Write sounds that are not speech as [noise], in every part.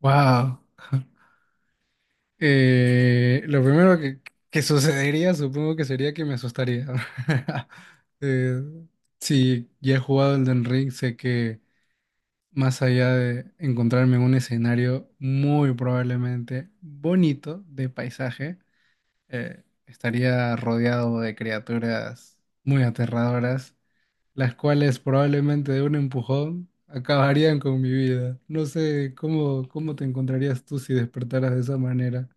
Wow. Lo primero que sucedería, supongo que sería que me asustaría. [laughs] Eh, si ya he jugado Elden Ring, sé que más allá de encontrarme en un escenario muy probablemente bonito de paisaje, estaría rodeado de criaturas muy aterradoras, las cuales probablemente de un empujón acabarían con mi vida. No sé cómo te encontrarías tú si despertaras de esa manera.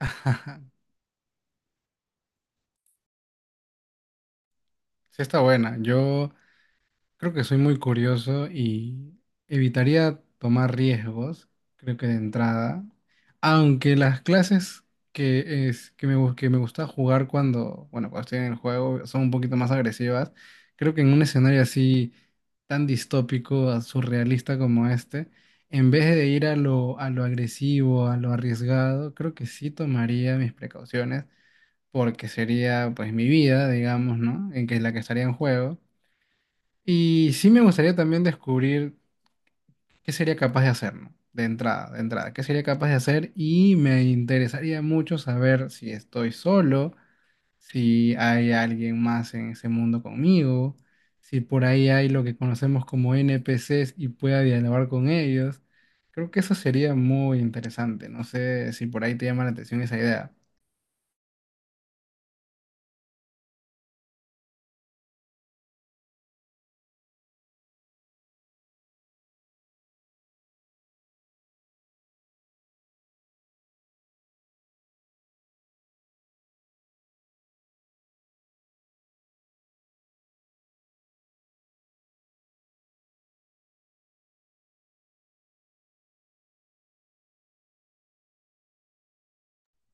[laughs] Ajá, sí está buena. Yo creo que soy muy curioso y evitaría tomar riesgos, creo que de entrada. Aunque las clases que, es, que, me, gu- que me gusta jugar cuando, bueno, cuando estoy en el juego son un poquito más agresivas, creo que en un escenario así tan distópico, surrealista como este, en vez de ir a lo agresivo, a lo arriesgado, creo que sí tomaría mis precauciones porque sería pues mi vida, digamos, ¿no? En que es la que estaría en juego. Y sí me gustaría también descubrir qué sería capaz de hacer, ¿no? De entrada, qué sería capaz de hacer y me interesaría mucho saber si estoy solo, si hay alguien más en ese mundo conmigo, si por ahí hay lo que conocemos como NPCs y pueda dialogar con ellos. Creo que eso sería muy interesante. No sé si por ahí te llama la atención esa idea.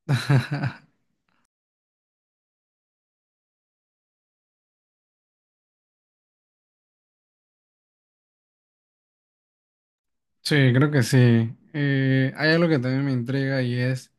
[laughs] Sí, creo que sí. Hay algo que también me intriga y es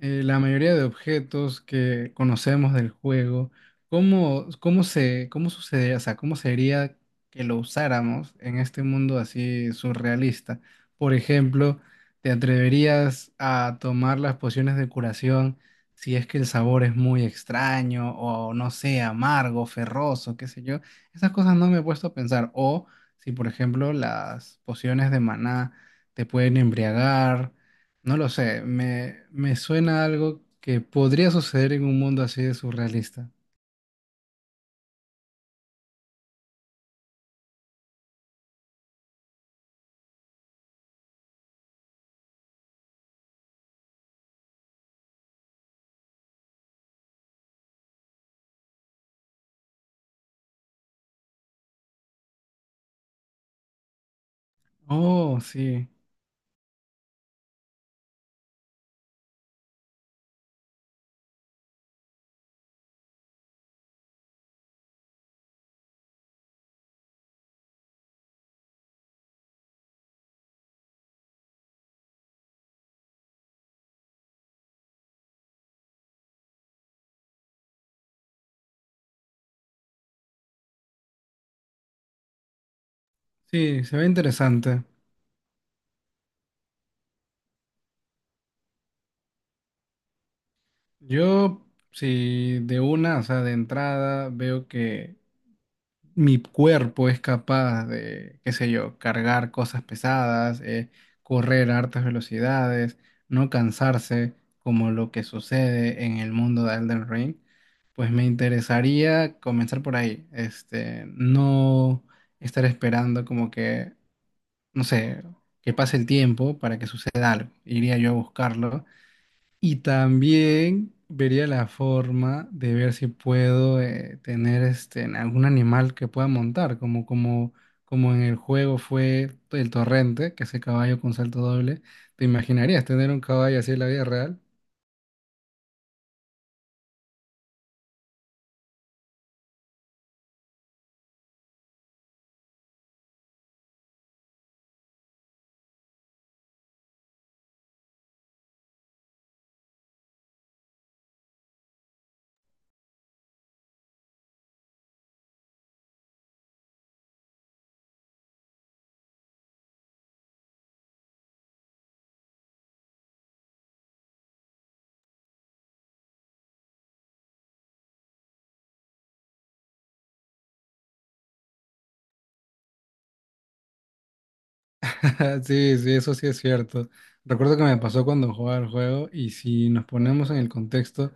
la mayoría de objetos que conocemos del juego, cómo sucedería, o sea, cómo sería que lo usáramos en este mundo así surrealista? Por ejemplo, ¿te atreverías a tomar las pociones de curación si es que el sabor es muy extraño o no sé, amargo, ferroso, qué sé yo? Esas cosas no me he puesto a pensar. O si, por ejemplo, las pociones de maná te pueden embriagar no lo sé, me suena algo que podría suceder en un mundo así de surrealista. Oh, sí, sí, se ve interesante. Yo, sí, de una, o sea, de entrada, veo que mi cuerpo es capaz de, qué sé yo, cargar cosas pesadas, correr a altas velocidades, no cansarse, como lo que sucede en el mundo de Elden Ring, pues me interesaría comenzar por ahí. Este, no estar esperando como que, no sé, que pase el tiempo para que suceda algo. Iría yo a buscarlo y también vería la forma de ver si puedo tener este, en algún animal que pueda montar, como en el juego fue el torrente, que ese caballo con salto doble. ¿Te imaginarías tener un caballo así en la vida real? [laughs] Sí, sí, eso sí es cierto. Recuerdo que me pasó cuando jugaba el juego y si nos ponemos en el contexto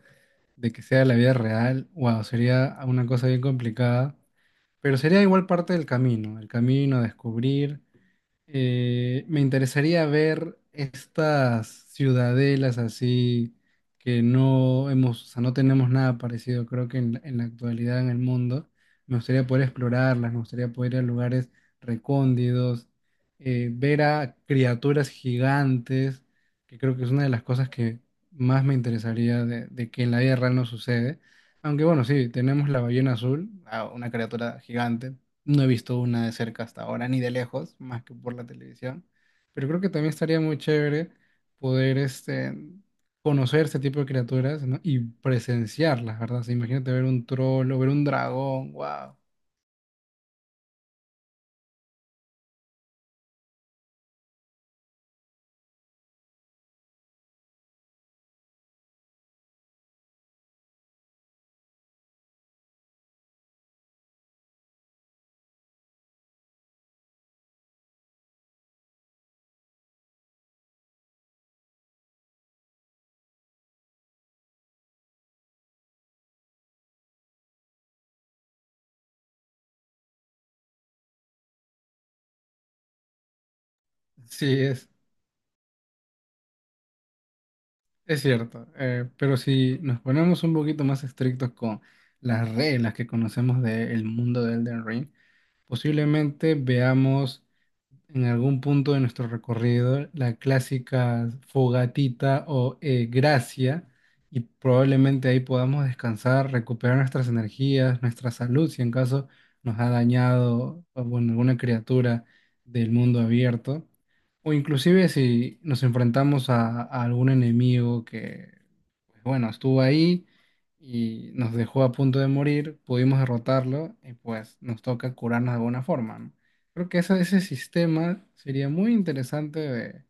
de que sea la vida real, wow, sería una cosa bien complicada, pero sería igual parte del camino, el camino a descubrir. Me interesaría ver estas ciudadelas así que no hemos, o sea, no tenemos nada parecido, creo que en la actualidad en el mundo. Me gustaría poder explorarlas, me gustaría poder ir a lugares recóndidos, ver a criaturas gigantes, que creo que es una de las cosas que más me interesaría de que en la vida real no sucede. Aunque bueno, sí, tenemos la ballena azul, ah, una criatura gigante, no he visto una de cerca hasta ahora, ni de lejos, más que por la televisión. Pero creo que también estaría muy chévere poder este, conocer este tipo de criaturas, ¿no? Y presenciarlas, ¿verdad? O sea, imagínate ver un troll o ver un dragón, wow. Sí, es cierto. Pero si nos ponemos un poquito más estrictos con las reglas que conocemos del mundo de Elden Ring, posiblemente veamos en algún punto de nuestro recorrido la clásica fogatita o gracia y probablemente ahí podamos descansar, recuperar nuestras energías, nuestra salud, si en caso nos ha dañado o, bueno, alguna criatura del mundo abierto, o inclusive si nos enfrentamos a algún enemigo que, pues, bueno, estuvo ahí. Y nos dejó a punto de morir, pudimos derrotarlo y pues nos toca curarnos de alguna forma, ¿no? Creo que ese sistema sería muy interesante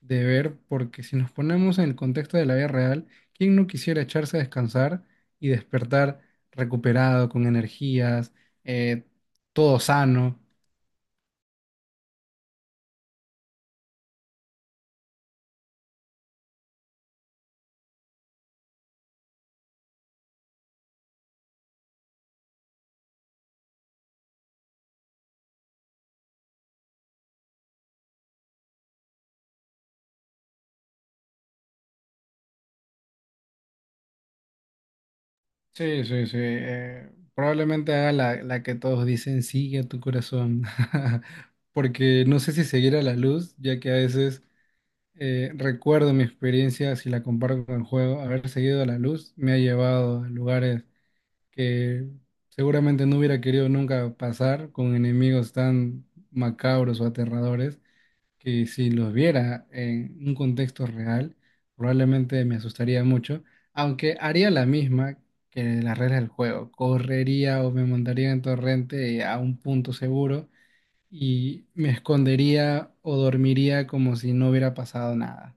de ver porque si nos ponemos en el contexto de la vida real, ¿quién no quisiera echarse a descansar y despertar recuperado, con energías, eh, todo sano? Sí, sí, sí. Probablemente haga la que todos dicen, sigue a tu corazón. [laughs] Porque no sé si seguir a la luz, ya que a veces recuerdo mi experiencia, si la comparo con el juego, haber seguido a la luz me ha llevado a lugares que seguramente no hubiera querido nunca pasar con enemigos tan macabros o aterradores que si los viera en un contexto real, probablemente me asustaría mucho, aunque haría la misma que las reglas del juego, correría o me montaría en torrente a un punto seguro y me escondería o dormiría como si no hubiera pasado nada.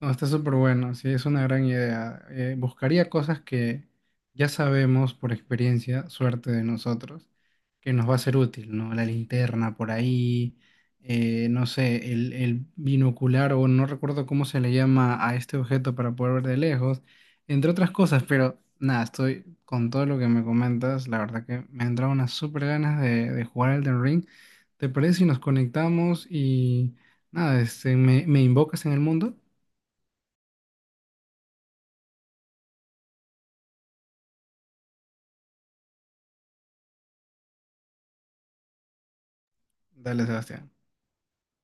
No, está súper bueno, sí, es una gran idea. Buscaría cosas que ya sabemos por experiencia, suerte de nosotros, que nos va a ser útil, ¿no? La linterna por ahí, no sé, el binocular o no recuerdo cómo se le llama a este objeto para poder ver de lejos, entre otras cosas, pero nada, estoy con todo lo que me comentas, la verdad que me han entrado unas súper ganas de jugar al Elden Ring. ¿Te parece si nos conectamos y nada, este, me invocas en el mundo? Dale, Sebastián.